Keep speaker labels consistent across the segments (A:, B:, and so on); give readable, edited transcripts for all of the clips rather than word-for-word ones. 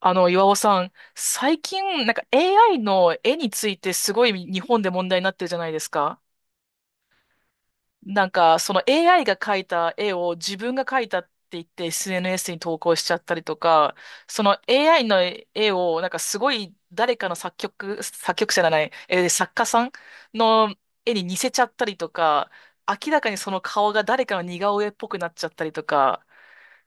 A: あの、岩尾さん、最近、なんか AI の絵についてすごい日本で問題になってるじゃないですか。なんか、その AI が描いた絵を自分が描いたって言って SNS に投稿しちゃったりとか、その AI の絵を、なんかすごい誰かの作曲、作曲者じゃない、作家さんの絵に似せちゃったりとか、明らかにその顔が誰かの似顔絵っぽくなっちゃったりとか、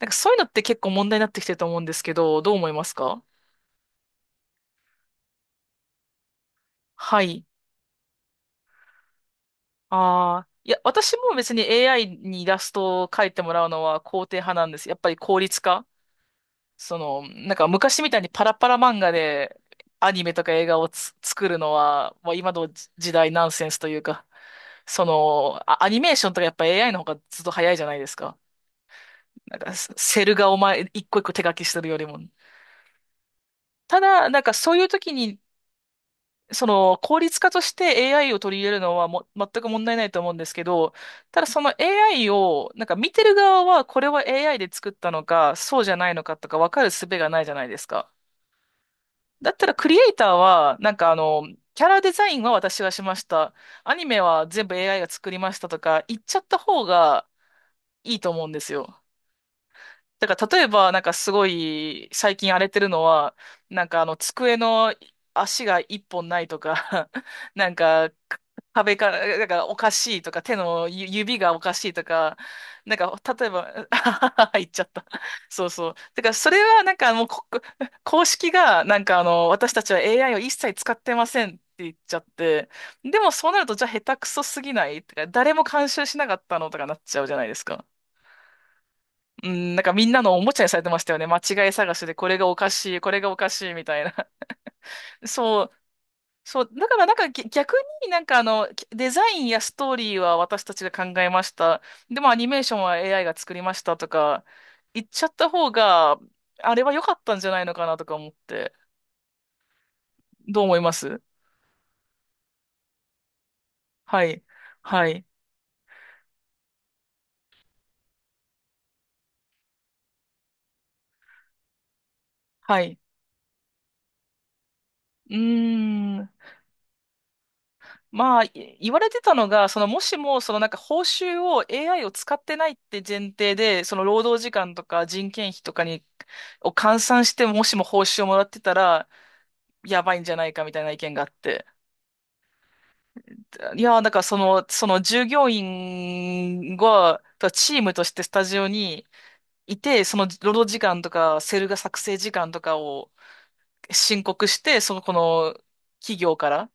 A: なんかそういうのって結構問題になってきてると思うんですけど、どう思いますか？はい。ああ、いや、私も別に AI にイラストを描いてもらうのは肯定派なんです。やっぱり効率化。その、なんか昔みたいにパラパラ漫画でアニメとか映画を作るのは、まあ、今の時代ナンセンスというか、その、アニメーションとかやっぱ AI の方がずっと早いじゃないですか。なんかセセルがお前一個一個手書きしてるよりも。ただ、なんかそういう時にその効率化として AI を取り入れるのはも全く問題ないと思うんですけど、ただその AI をなんか見てる側はこれは AI で作ったのかそうじゃないのかとか分かる術がないじゃないですか。だったらクリエイターはなんかあのキャラデザインは私がしました。アニメは全部 AI が作りましたとか言っちゃった方がいいと思うんですよ。だから例えばなんかすごい最近荒れてるのはなんかあの机の足が一本ないとか なんか壁から、だからおかしいとか、手の指がおかしいとか、なんか、例えば、言っちゃった。そうそう。だから、それはなんかもう公式が、なんかあの、私たちは AI を一切使ってませんって言っちゃって、でもそうなると、じゃあ下手くそすぎないとか、誰も監修しなかったのとかなっちゃうじゃないですか。うん、なんかみんなのおもちゃにされてましたよね。間違い探しで、これがおかしい、これがおかしいみたいな。そう。そう、だからなんか逆になんかあの、デザインやストーリーは私たちが考えました。でもアニメーションは AI が作りましたとか言っちゃった方が、あれは良かったんじゃないのかなとか思って。どう思います？はい。はい。はい。うーん。まあ、言われてたのが、そのもしも、そのなんか報酬を AI を使ってないって前提で、その労働時間とか人件費とかに、を換算して、もしも報酬をもらってたら、やばいんじゃないかみたいな意見があって。いやー、だからその従業員が、とチームとしてスタジオにいて、その労働時間とか、セルが作成時間とかを申告して、その、この企業から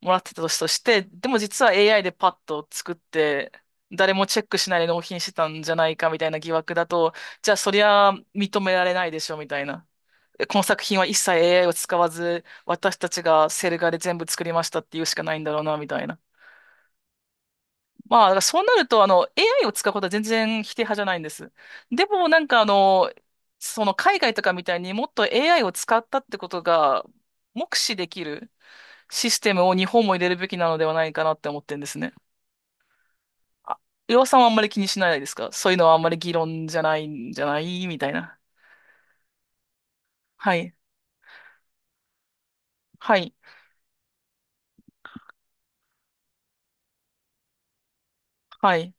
A: もらってたとして、でも実は AI でパッと作って、誰もチェックしないで納品してたんじゃないかみたいな疑惑だと、じゃあそりゃ認められないでしょみたいな。この作品は一切 AI を使わず、私たちがセル画で全部作りましたっていうしかないんだろうな、みたいな。まあ、だからそうなると、あの、AI を使うことは全然否定派じゃないんです。でも、なんかあの、その海外とかみたいにもっと AI を使ったってことが目視できるシステムを日本も入れるべきなのではないかなって思ってるんですね。あ、りょうさんはあんまり気にしないですか？そういうのはあんまり議論じゃないんじゃないみたいな。はい。はい。はい。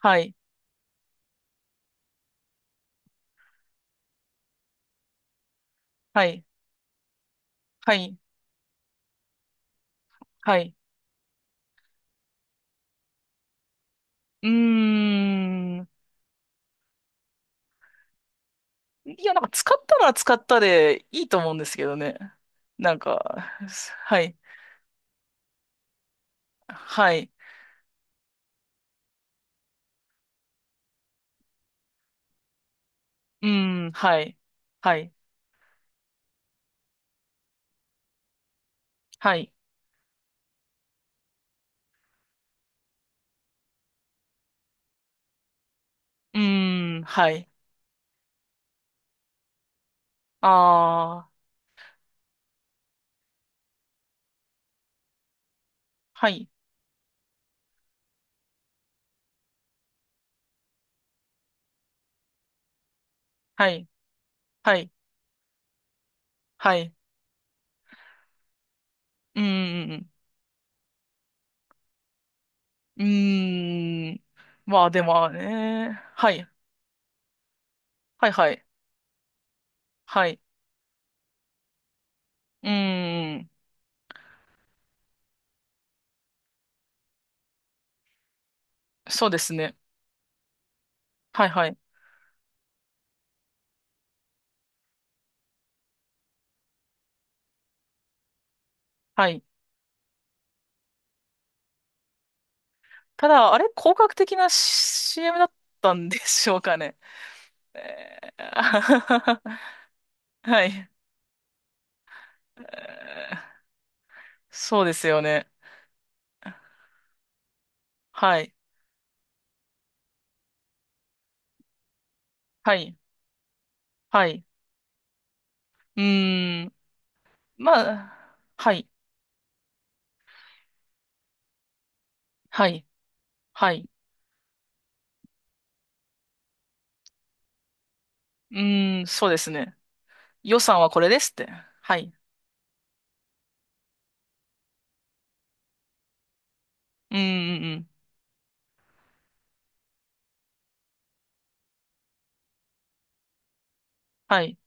A: はい。はい。はい。はい。うーん。いや、なんか使ったのは使ったでいいと思うんですけどね。なんか、はい。はい。うーん、はい。はい。はい。うーん、はい。ああ、はい。はい。はい。はい。うーん。うーん。まあ、でもね。はい。はい、はい。はい。うーん。そうですね。はい、はい。はい。ただ、あれ、広角的な CM だったんでしょうかね。えー はい。えーそうですよね。はい。はい。はい。うーん。まあ、はい。はい。はい。うーん、そうですね。予算はこれですって。はい。うん、うん、うん。はい。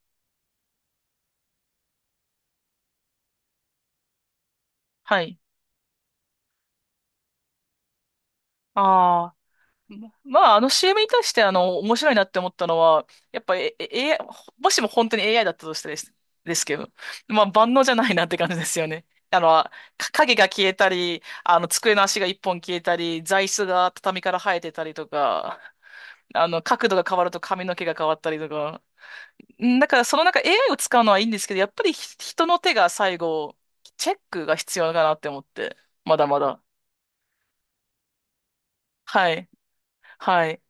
A: はい。ああ。まあ、あの CM に対して、あの、面白いなって思ったのは、やっぱ、AI、もしも本当に AI だったとしてですけど、まあ、万能じゃないなって感じですよね。あの、影が消えたり、あの、机の足が一本消えたり、座椅子が畳から生えてたりとか、あの、角度が変わると髪の毛が変わったりとか。だから、そのなんか AI を使うのはいいんですけど、やっぱり人の手が最後、チェックが必要かなって思って、まだまだ。はい、はい、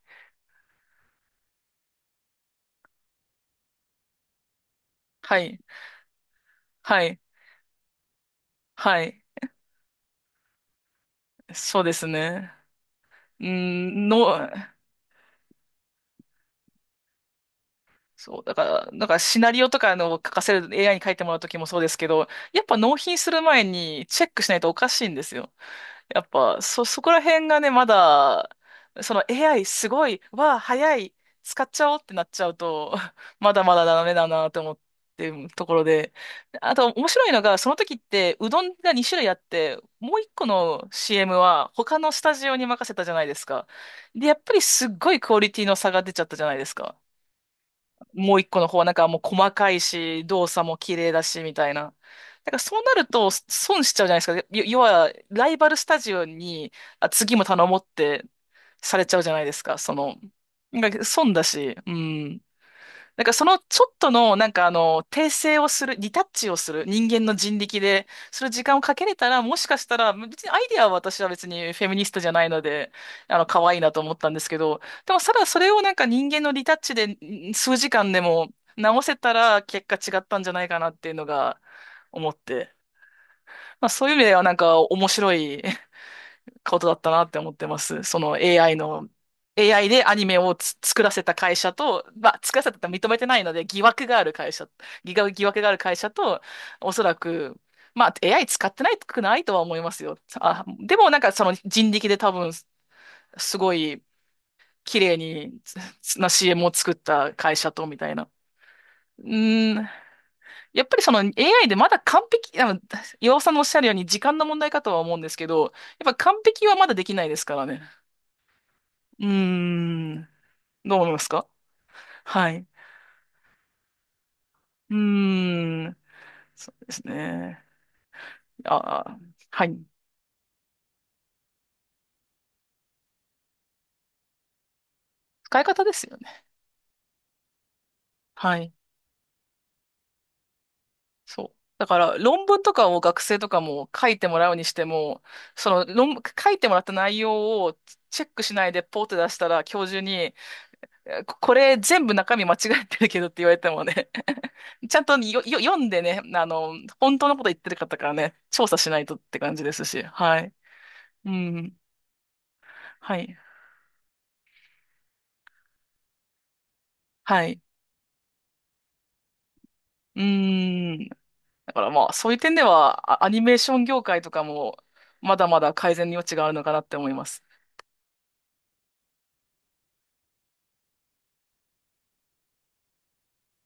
A: はい、はい、はい。そうですね。うん、そう、だから、なんかシナリオとかの書かせる AI に書いてもらうときもそうですけど、やっぱ納品する前にチェックしないとおかしいんですよ。やっぱ、そこら辺がね、まだ、その AI すごい、わあ、早い、使っちゃおうってなっちゃうと、まだまだダメだなと思ってるところで。あと、面白いのが、その時って、うどんが2種類あって、もう1個の CM は他のスタジオに任せたじゃないですか。で、やっぱりすっごいクオリティの差が出ちゃったじゃないですか。もう一個の方はなんかもう細かいし、動作も綺麗だし、みたいな。だからそうなると損しちゃうじゃないですか。要は、ライバルスタジオに、あ、次も頼もうってされちゃうじゃないですか。その、なんか損だし、うん。なんかそのちょっとの、なんかあの、訂正をする、リタッチをする人間の人力で、その時間をかけれたら、もしかしたら、別にアイディアは私は別にフェミニストじゃないので、あの、可愛いなと思ったんですけど、でもただそれをなんか人間のリタッチで数時間でも直せたら結果違ったんじゃないかなっていうのが思って、まあそういう意味ではなんか面白いことだったなって思ってます。その AI の、AI でアニメを作らせた会社と、まあ、作らせたって認めてないので、疑惑がある会社、疑惑がある会社と、おそらく、まあ、AI 使ってないくないとは思いますよ。あ、でもなんかその人力で多分、すごい綺麗にCM を作った会社と、みたいな。うーん、やっぱりその AI でまだ完璧、あの、岩尾さんのおっしゃるように時間の問題かとは思うんですけど、やっぱ完璧はまだできないですからね。うーん。どう思いますか？はい。うーん。そうですね。ああ、はい。使い方ですよね。はい。そう。だから、論文とかを学生とかも書いてもらうにしても、その論、書いてもらった内容をチェックしないでポーって出したら、教授に、これ全部中身間違ってるけどって言われてもね、ちゃんと読んでね、あの、本当のこと言ってる方からね、調査しないとって感じですし、はい。うん。はい。はい。うーん。だからまあ、そういう点では、アニメーション業界とかも、まだまだ改善の余地があるのかなって思います。